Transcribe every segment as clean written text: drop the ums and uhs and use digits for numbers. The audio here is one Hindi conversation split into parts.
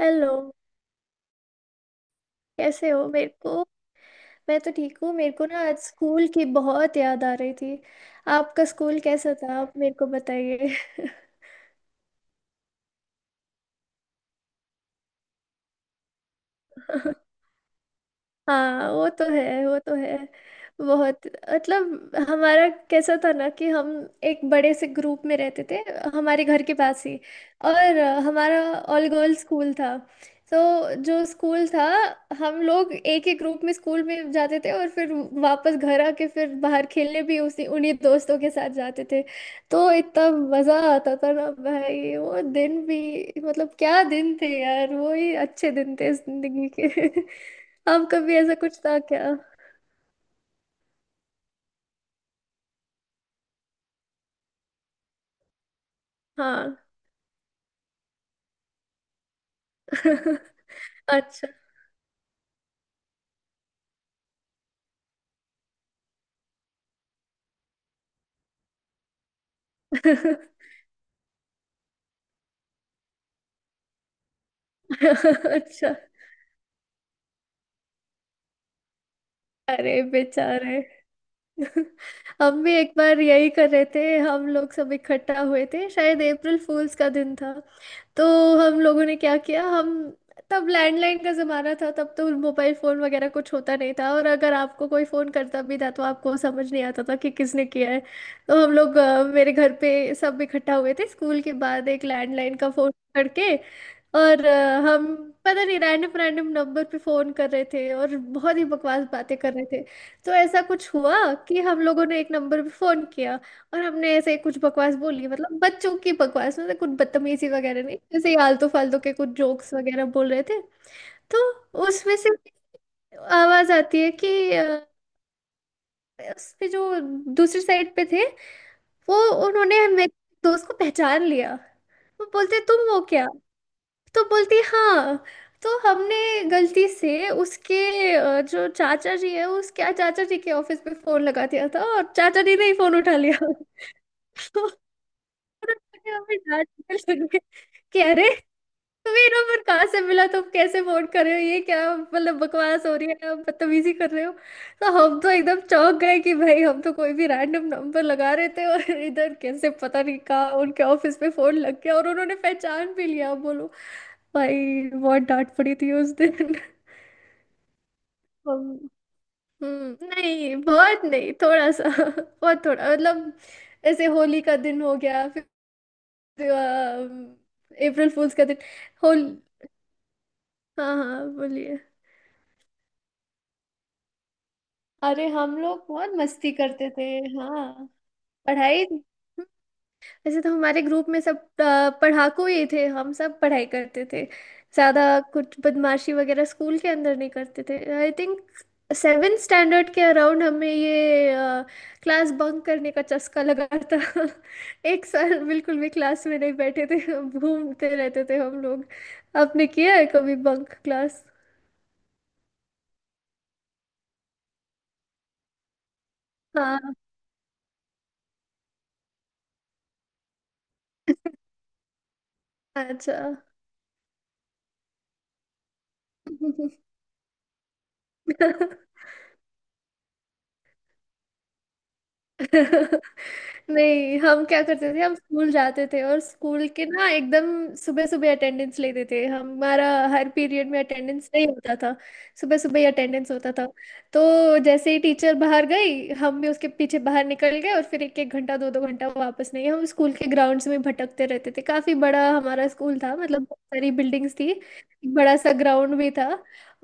हेलो। कैसे हो मेरे को? मैं तो ठीक हूँ। मेरे को ना आज स्कूल की बहुत याद आ रही थी। आपका स्कूल कैसा था? आप मेरे को बताइए। हाँ, वो तो है, वो तो है। बहुत। मतलब हमारा कैसा था ना कि हम एक बड़े से ग्रुप में रहते थे, हमारे घर के पास ही। और हमारा ऑल गर्ल्स स्कूल था। तो जो स्कूल था, हम लोग एक ही ग्रुप में स्कूल में जाते थे और फिर वापस घर आके फिर बाहर खेलने भी उसी उन्हीं दोस्तों के साथ जाते थे। तो इतना मजा आता था ना भाई, वो दिन भी, मतलब क्या दिन थे यार, वो ही अच्छे दिन थे जिंदगी के। आपका भी ऐसा कुछ था क्या? हाँ। अच्छा। अच्छा। अरे बेचारे। हम भी एक बार यही कर रहे थे। हम लोग सब इकट्ठा हुए थे, शायद अप्रैल फूल्स का दिन था। तो हम लोगों ने क्या किया? हम, तब लैंडलाइन का ज़माना था, तब तो मोबाइल फ़ोन वगैरह कुछ होता नहीं था, और अगर आपको कोई फ़ोन करता भी था तो आपको समझ नहीं आता था कि किसने किया है। तो हम लोग मेरे घर पे सब इकट्ठा हुए थे स्कूल के बाद, एक लैंडलाइन का फ़ोन करके। और हम, पता नहीं, रैंडम रैंडम नंबर पे फ़ोन कर रहे थे और बहुत ही बकवास बातें कर रहे थे। तो ऐसा कुछ हुआ कि हम लोगों ने एक नंबर पे फोन किया और हमने ऐसे कुछ बकवास बोली, मतलब बच्चों की बकवास, मतलब कुछ बदतमीजी वगैरह नहीं, जैसे आलतू फालतू के कुछ जोक्स वगैरह बोल रहे थे। तो उसमें से आवाज आती है कि अ, उसपे जो दूसरी साइड पे थे, वो, उन्होंने मेरे दोस्त को पहचान लिया। वो बोलते तुम हो क्या, तो बोलती हाँ। तो हमने गलती से उसके जो चाचा जी है, उसके चाचा जी के ऑफिस पे फोन लगा दिया था और चाचा जी ने ही फोन उठा लिया। तो हमें डांटने लगे कि अरे तुम्हें नंबर कहाँ से मिला, तुम कैसे फोन कर रहे हो, ये क्या मतलब बकवास हो रही है, आप बदतमीजी कर रहे हो। तो हम तो एकदम चौंक गए कि भाई हम तो कोई भी रैंडम नंबर लगा रहे थे और इधर कैसे, पता नहीं कहाँ उनके ऑफिस में फोन लग गया और उन्होंने पहचान भी लिया, बोलो। भाई बहुत डांट पड़ी थी उस दिन। हम- नहीं, बहुत नहीं, थोड़ा सा। बहुत थोड़ा, मतलब। ऐसे होली का दिन हो गया फिर। अम, अप्रैल फूल्स का दिन। होल। हाँ हाँ, बोलिए। अरे, हम लोग बहुत मस्ती करते थे। हाँ, पढ़ाई। वैसे तो हमारे ग्रुप में सब पढ़ाकू ही थे, हम सब पढ़ाई करते थे। ज्यादा कुछ बदमाशी वगैरह स्कूल के अंदर नहीं करते थे, आई थिंक। सेवन स्टैंडर्ड के अराउंड हमें ये क्लास बंक करने का चस्का लगा था। एक साल बिल्कुल भी क्लास में नहीं बैठे थे, घूमते रहते थे हम लोग। आपने किया है कभी बंक क्लास? हाँ। अच्छा। नहीं, हम क्या करते थे, हम स्कूल जाते थे और स्कूल के ना एकदम सुबह सुबह अटेंडेंस लेते थे हमारा, हर पीरियड में अटेंडेंस नहीं होता था, सुबह सुबह ही अटेंडेंस होता था। तो जैसे ही टीचर बाहर गई, हम भी उसके पीछे बाहर निकल गए और फिर एक एक घंटा दो दो घंटा वापस नहीं, हम स्कूल के ग्राउंड्स में भटकते रहते थे। काफी बड़ा हमारा स्कूल था, मतलब बहुत सारी बिल्डिंग्स थी, एक बड़ा सा ग्राउंड भी था।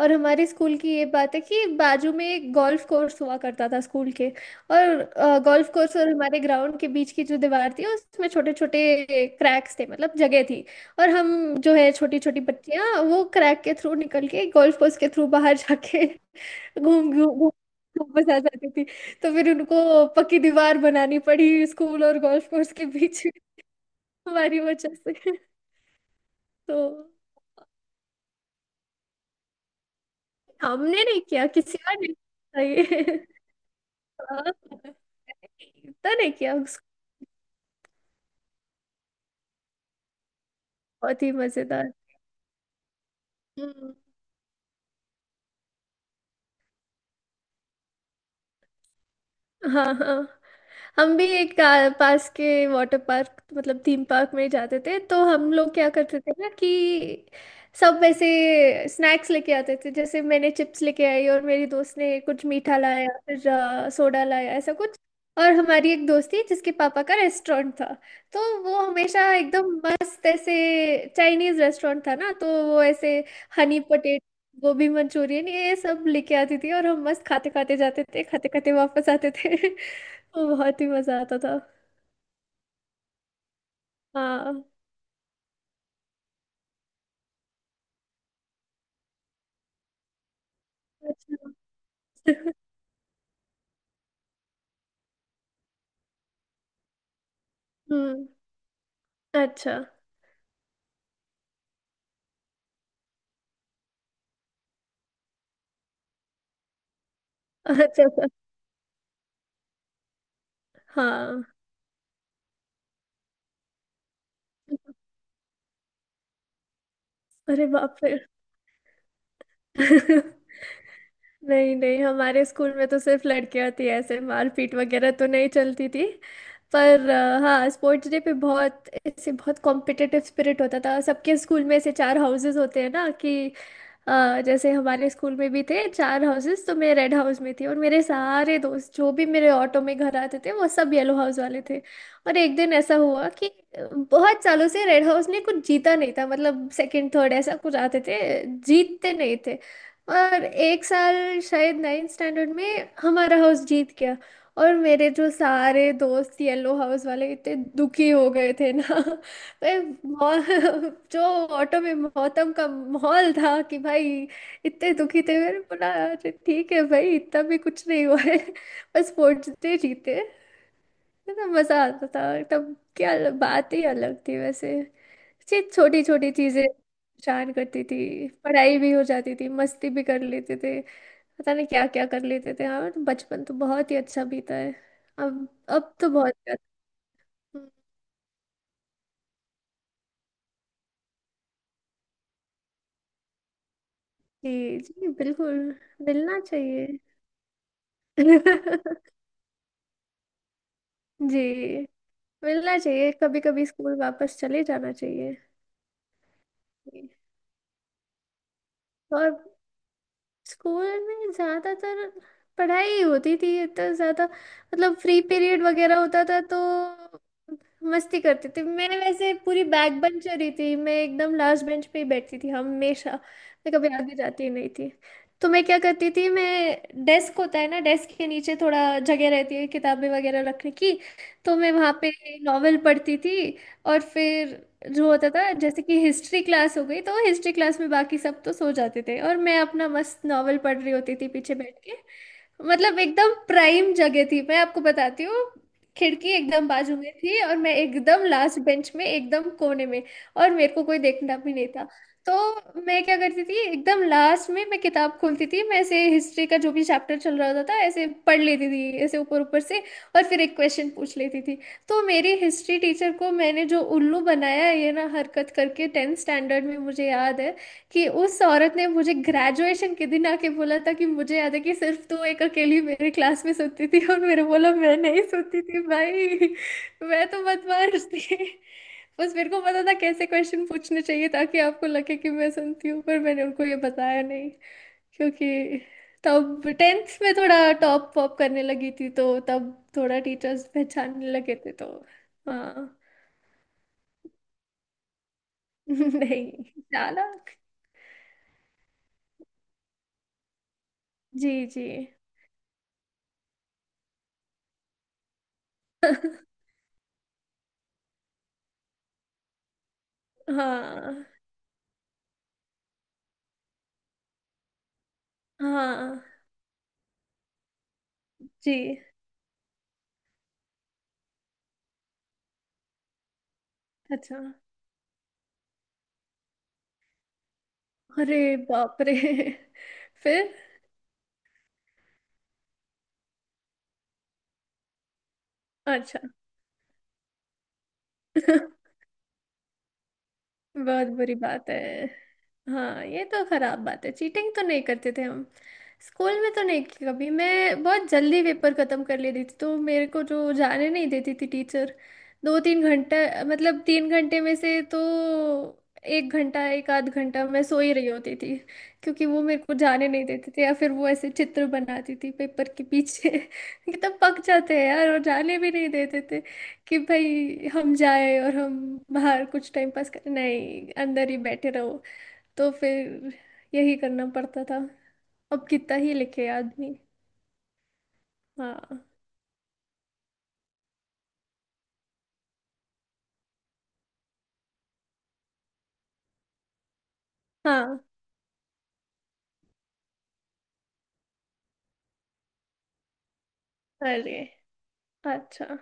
और हमारे स्कूल की ये बात है कि बाजू में एक गोल्फ कोर्स हुआ करता था स्कूल के। और गोल्फ कोर्स और हमारे ग्राउंड के बीच की जो दीवार थी उसमें छोटे छोटे क्रैक्स थे, मतलब जगह थी। और हम, जो है, छोटी छोटी बच्चियां, वो क्रैक के थ्रू निकल के गोल्फ कोर्स के थ्रू बाहर जाके घूम घूम घूम घूम बस आ जाती थी। तो फिर उनको पक्की दीवार बनानी पड़ी स्कूल और गोल्फ कोर्स के बीच में। हमारी वजह से। तो हमने नहीं किया, किसी और ने। नहीं। हाँ, तो नहीं किया उसको। बहुत ही मजेदार। हम्म। हाँ हाँ। हम भी पास के वाटर पार्क मतलब थीम पार्क में जाते थे, तो हम लोग क्या करते थे ना कि सब वैसे स्नैक्स लेके आते थे। जैसे मैंने चिप्स लेके आई और मेरी दोस्त ने कुछ मीठा लाया, फिर सोडा लाया, ऐसा कुछ। और हमारी एक दोस्त थी जिसके पापा का रेस्टोरेंट था, तो वो हमेशा एकदम मस्त ऐसे, चाइनीज रेस्टोरेंट था ना तो, वो ऐसे हनी पटेट, गोभी मंचूरियन ये सब लेके आती थी और हम मस्त खाते खाते जाते थे, खाते खाते वापस आते थे। वो बहुत ही मजा आता था। हाँ। अच्छा। हम्म। अच्छा। अच्छा। हाँ। अरे बाप रे। नहीं नहीं, हमारे स्कूल में तो सिर्फ लड़कियां थी, ऐसे मारपीट वगैरह तो नहीं चलती थी। पर हाँ, स्पोर्ट्स डे पे बहुत ऐसे बहुत कॉम्पिटिटिव स्पिरिट होता था सबके। स्कूल में ऐसे चार हाउसेस होते हैं ना कि, जैसे हमारे स्कूल में भी थे चार हाउसेस, तो मैं रेड हाउस में थी और मेरे सारे दोस्त जो भी मेरे ऑटो में घर आते थे वो सब येलो हाउस वाले थे। और एक दिन ऐसा हुआ कि बहुत सालों से रेड हाउस ने कुछ जीता नहीं था, मतलब सेकंड थर्ड ऐसा कुछ आते थे, जीतते नहीं थे। और एक साल, शायद नाइन्थ स्टैंडर्ड में, हमारा हाउस जीत गया। और मेरे जो सारे दोस्त येलो हाउस वाले, इतने दुखी हो गए थे ना। जो ऑटो में मौतम का माहौल था कि भाई, इतने दुखी थे। मैंने बोला अरे ठीक है भाई, इतना भी कुछ नहीं हुआ है, बस पहुंचते जीते। इतना मजा आता था तब। क्या बात ही अलग थी वैसे, छोटी छोटी चीजें परेशान करती थी, पढ़ाई भी हो जाती थी, मस्ती भी कर लेते थे। पता नहीं क्या क्या कर लेते थे यार, बचपन तो बहुत ही अच्छा बीता है। अब तो बहुत ज्यादा। जी जी बिल्कुल। मिलना चाहिए। जी। मिलना चाहिए, कभी कभी स्कूल वापस चले जाना चाहिए। जी। और स्कूल में ज्यादातर पढ़ाई ही होती थी, इतना ज्यादा, मतलब फ्री पीरियड वगैरह होता था तो मस्ती करती थी। मैं वैसे पूरी बैक बेंचर ही थी, मैं एकदम लास्ट बेंच पे ही बैठती थी हमेशा, मैं कभी आगे जाती ही नहीं थी। तो मैं क्या करती थी, मैं, डेस्क होता है ना, डेस्क के नीचे थोड़ा जगह रहती है किताबें वगैरह रखने की, तो मैं वहाँ पे नॉवेल पढ़ती थी। और फिर जो होता था जैसे कि हिस्ट्री क्लास हो गई, तो हिस्ट्री क्लास में बाकी सब तो सो जाते थे और मैं अपना मस्त नॉवल पढ़ रही होती थी पीछे बैठ के। मतलब एकदम प्राइम जगह थी, मैं आपको बताती हूँ। खिड़की एकदम बाजू में थी और मैं एकदम लास्ट बेंच में एकदम कोने में, और मेरे को कोई देखना भी नहीं था। तो मैं क्या करती थी, एकदम लास्ट में मैं किताब खोलती थी, मैं ऐसे हिस्ट्री का जो भी चैप्टर चल रहा होता था ऐसे पढ़ लेती थी ऐसे ऊपर ऊपर से, और फिर एक क्वेश्चन पूछ लेती थी। तो मेरी हिस्ट्री टीचर को मैंने जो उल्लू बनाया है ये ना हरकत करके, टेंथ स्टैंडर्ड में मुझे याद है कि उस औरत ने मुझे ग्रेजुएशन के दिन आके बोला था कि मुझे याद है कि सिर्फ तू एक अकेली मेरी क्लास में सोती थी। और मेरे बोला मैं नहीं सोती थी भाई, मैं तो बदमाश थी, बस मेरे को पता था कैसे क्वेश्चन पूछने चाहिए ताकि आपको लगे कि मैं सुनती हूँ। पर मैंने उनको ये बताया नहीं, क्योंकि तब टेंथ में थोड़ा टॉप वॉप करने लगी थी तो तब थोड़ा टीचर्स पहचानने लगे थे तो। हाँ। नहीं, चालाक। जी जी। हाँ हाँ। जी। अच्छा। अरे बाप रे। फिर? अच्छा। बहुत बुरी बात है। हाँ, ये तो खराब बात है, चीटिंग तो नहीं करते थे हम। स्कूल में तो नहीं की कभी। मैं बहुत जल्दी पेपर खत्म कर लेती थी तो मेरे को जो जाने नहीं देती थी टीचर, दो तीन घंटा, मतलब तीन घंटे में से तो एक घंटा एक आध घंटा मैं सो ही रही होती थी। क्योंकि वो मेरे को जाने नहीं देते थे, या फिर वो ऐसे चित्र बनाती थी पेपर के पीछे। कि तब पक जाते हैं यार, और जाने भी नहीं देते कि भाई हम जाए और हम बाहर कुछ टाइम पास करें, नहीं अंदर ही बैठे रहो। तो फिर यही करना पड़ता था, अब कितना ही लिखे आदमी। हाँ हाँ। अरे, अच्छा।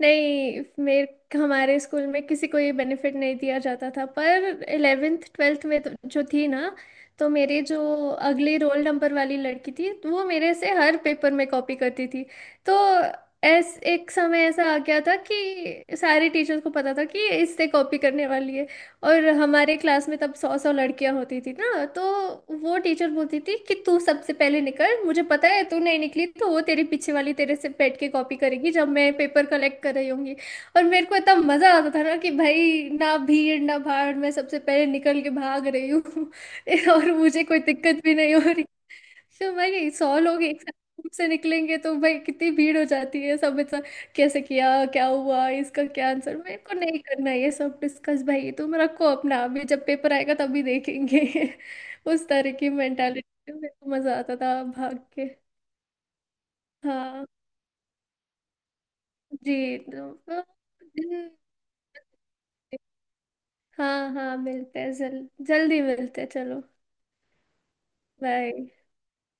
नहीं मेरे, हमारे स्कूल में किसी को ये बेनिफिट नहीं दिया जाता था। पर इलेवेंथ ट्वेल्थ में तो, जो थी ना, तो मेरे जो अगली रोल नंबर वाली लड़की थी, तो वो मेरे से हर पेपर में कॉपी करती थी। तो ऐस एक समय ऐसा आ गया था कि सारे टीचर्स को पता था कि इससे कॉपी करने वाली है। और हमारे क्लास में तब सौ सौ लड़कियां होती थी ना, तो वो टीचर बोलती थी कि तू सबसे पहले निकल, मुझे पता है तू नहीं निकली तो वो तेरी पीछे वाली तेरे से बैठ के कॉपी करेगी जब मैं पेपर कलेक्ट कर रही होंगी। और मेरे को इतना मजा आता था ना कि भाई ना भीड़ ना भाड़, मैं सबसे पहले निकल के भाग रही हूँ। और मुझे कोई दिक्कत भी नहीं हो रही। तो भाई सौ लोग एक साथ group से निकलेंगे तो भाई कितनी भीड़ हो जाती है, सब ऐसा कैसे किया, क्या हुआ, इसका क्या आंसर, मेरे को नहीं करना है ये सब डिस्कस, भाई ये तुम रखो अपना, अभी जब पेपर आएगा तभी देखेंगे। उस तरह की मेंटालिटी, मेरे को मजा आता था भाग के। हाँ। जी। हाँ हाँ मिलते हैं, जल्दी मिलते हैं, चलो। बाय।